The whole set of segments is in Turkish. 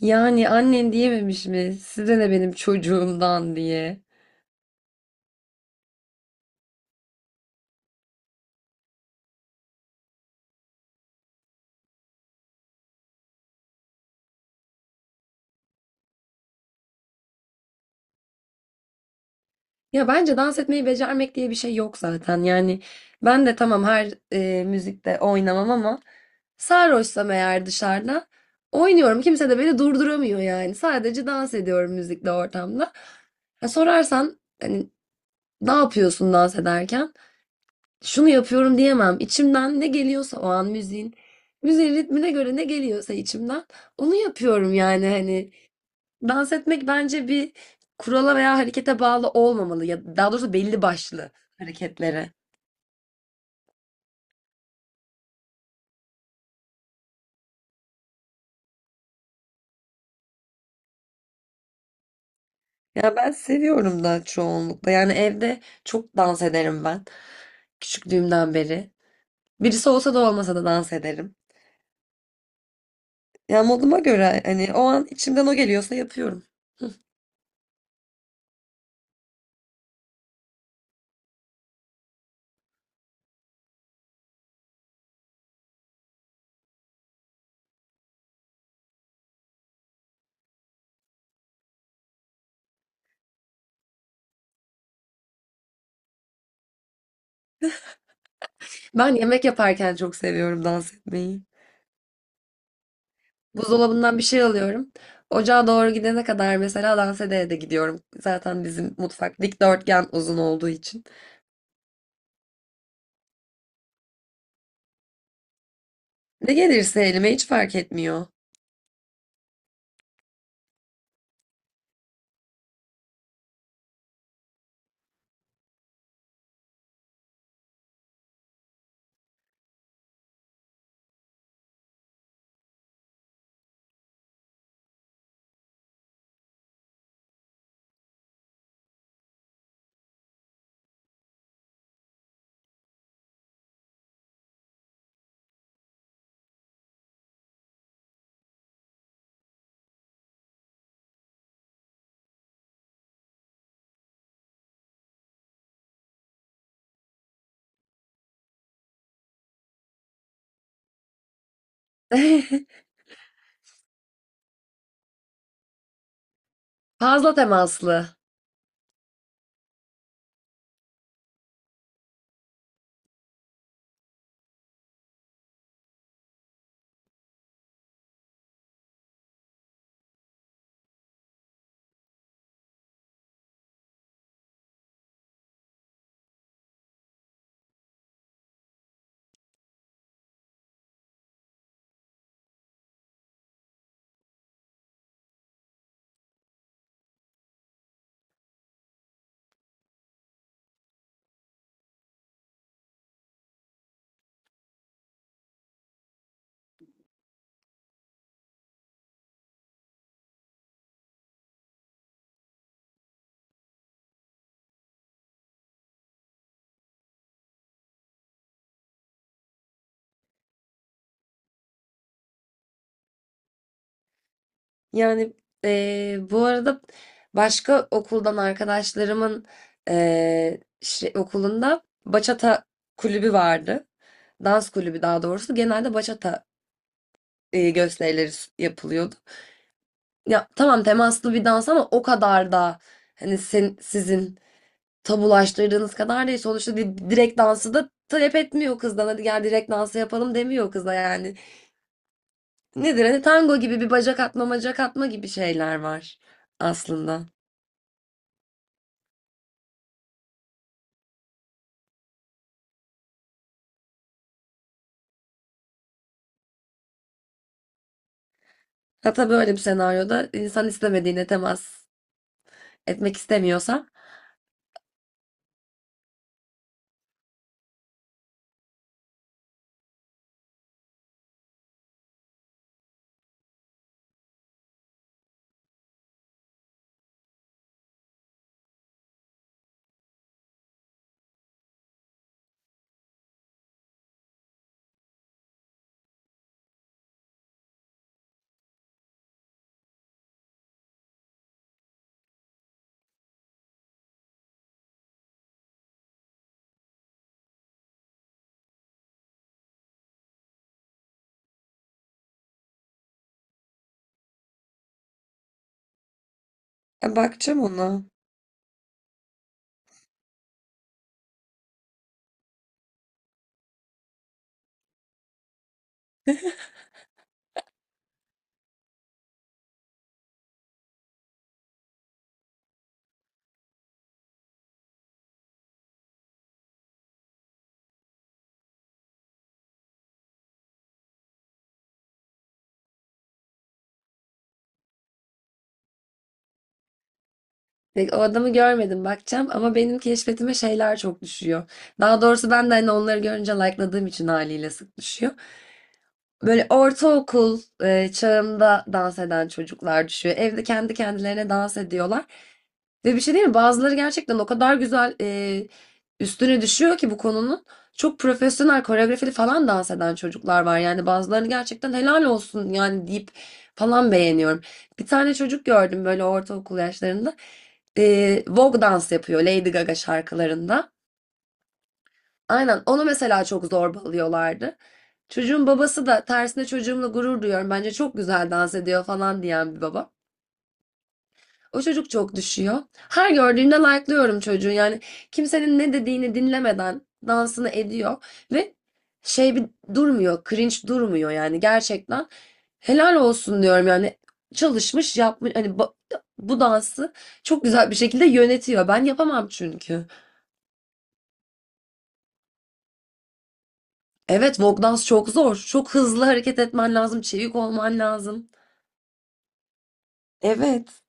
Yani annem diyememiş mi? Size ne benim çocuğumdan diye. Ya bence dans etmeyi becermek diye bir şey yok zaten. Yani ben de tamam her müzikte oynamam ama sarhoşsam eğer dışarıda oynuyorum. Kimse de beni durduramıyor yani. Sadece dans ediyorum müzikle ortamda. Ya sorarsan hani ne yapıyorsun dans ederken? Şunu yapıyorum diyemem. İçimden ne geliyorsa o an müziğin ritmine göre ne geliyorsa içimden onu yapıyorum yani hani. Dans etmek bence bir kurala veya harekete bağlı olmamalı ya daha doğrusu belli başlı hareketlere. Ya ben seviyorum da çoğunlukla. Yani evde çok dans ederim ben küçüklüğümden beri. Birisi olsa da olmasa da dans ederim. Ya moduma göre hani o an içimden o geliyorsa yapıyorum. Ben yemek yaparken çok seviyorum dans etmeyi. Buzdolabından bir şey alıyorum. Ocağa doğru gidene kadar mesela dans ede de gidiyorum. Zaten bizim mutfak dikdörtgen uzun olduğu için. Ne gelirse elime hiç fark etmiyor. Fazla temaslı. Yani bu arada başka okuldan arkadaşlarımın okulunda bachata kulübü vardı. Dans kulübü daha doğrusu. Genelde bachata yapılıyordu. Ya tamam temaslı bir dans ama o kadar da hani sen, sizin tabulaştırdığınız kadar değil. Sonuçta direkt dansı da talep etmiyor kızdan. Hadi gel direkt dansı yapalım demiyor kıza yani. Nedir? Hani tango gibi bir bacak atma, bacak atma gibi şeyler var aslında. Hatta böyle bir senaryoda insan istemediğine temas etmek istemiyorsa bakacağım ona. O adamı görmedim bakacağım ama benim keşfetime şeyler çok düşüyor. Daha doğrusu ben de hani onları görünce like'ladığım için haliyle sık düşüyor. Böyle ortaokul çağında dans eden çocuklar düşüyor. Evde kendi kendilerine dans ediyorlar. Ve bir şey değil mi? Bazıları gerçekten o kadar güzel üstüne düşüyor ki bu konunun. Çok profesyonel koreografili falan dans eden çocuklar var. Yani bazılarını gerçekten helal olsun yani deyip falan beğeniyorum. Bir tane çocuk gördüm böyle ortaokul yaşlarında. Vogue dans yapıyor Lady Gaga şarkılarında. Aynen onu mesela çok zorbalıyorlardı. Çocuğun babası da tersine çocuğumla gurur duyuyorum. Bence çok güzel dans ediyor falan diyen bir baba. O çocuk çok düşüyor. Her gördüğümde like'lıyorum çocuğu. Yani kimsenin ne dediğini dinlemeden dansını ediyor ve şey bir durmuyor, cringe durmuyor yani gerçekten. Helal olsun diyorum yani. Çalışmış, yapmış hani bu dansı çok güzel bir şekilde yönetiyor. Ben yapamam çünkü. Evet, walk dans çok zor. Çok hızlı hareket etmen lazım, çevik olman lazım. Evet.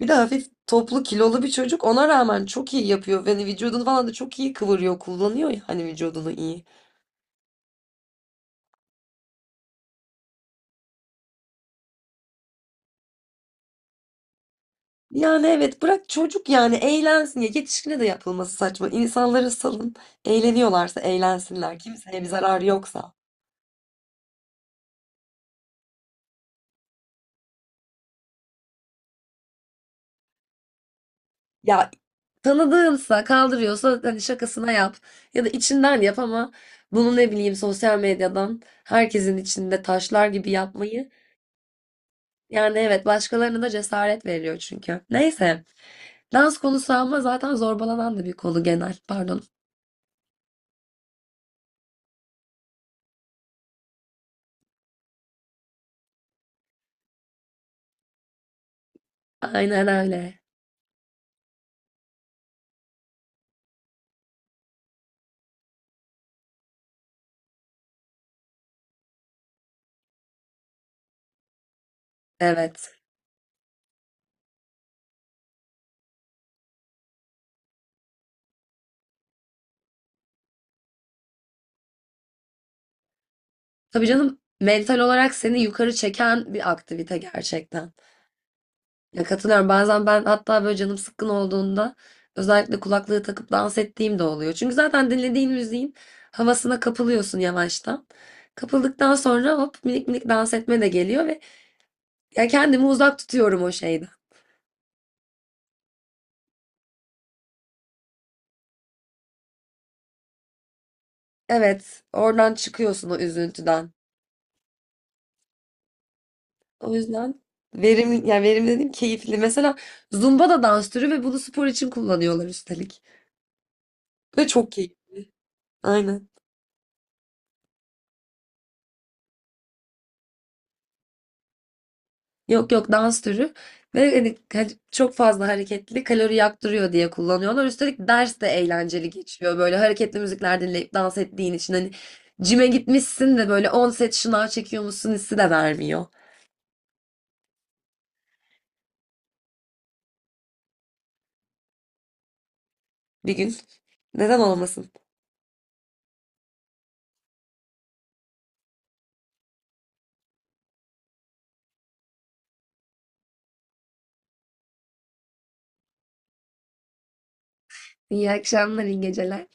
Bir de hafif toplu kilolu bir çocuk ona rağmen çok iyi yapıyor. Yani vücudunu falan da çok iyi kıvırıyor, kullanıyor ya hani vücudunu iyi. Yani evet bırak çocuk yani eğlensin ya yetişkine de yapılması saçma. İnsanları salın eğleniyorlarsa eğlensinler kimseye bir zararı yoksa. Ya tanıdığınsa kaldırıyorsa hani şakasına yap ya da içinden yap ama bunu ne bileyim sosyal medyadan herkesin içinde taşlar gibi yapmayı. Yani evet başkalarına da cesaret veriyor çünkü. Neyse. Dans konusu ama zaten zorbalanan da bir konu genel. Pardon. Aynen öyle. Evet. Tabii canım mental olarak seni yukarı çeken bir aktivite gerçekten. Ya katılıyorum. Bazen ben hatta böyle canım sıkkın olduğunda özellikle kulaklığı takıp dans ettiğim de oluyor. Çünkü zaten dinlediğin müziğin havasına kapılıyorsun yavaştan. Kapıldıktan sonra hop minik minik dans etme de geliyor ve ya kendimi uzak tutuyorum o şeyden. Evet, oradan çıkıyorsun o üzüntüden. O yüzden verimli, yani verimli dedim keyifli. Mesela Zumba da dans türü ve bunu spor için kullanıyorlar üstelik. Ve çok keyif. Aynen. Yok yok dans türü. Ve hani çok fazla hareketli kalori yaktırıyor diye kullanıyorlar. Üstelik ders de eğlenceli geçiyor. Böyle hareketli müzikler dinleyip dans ettiğin için hani cime gitmişsin de böyle 10 set şınav çekiyormuşsun hissi de vermiyor. Bir gün. Neden olmasın? İyi akşamlar, iyi geceler.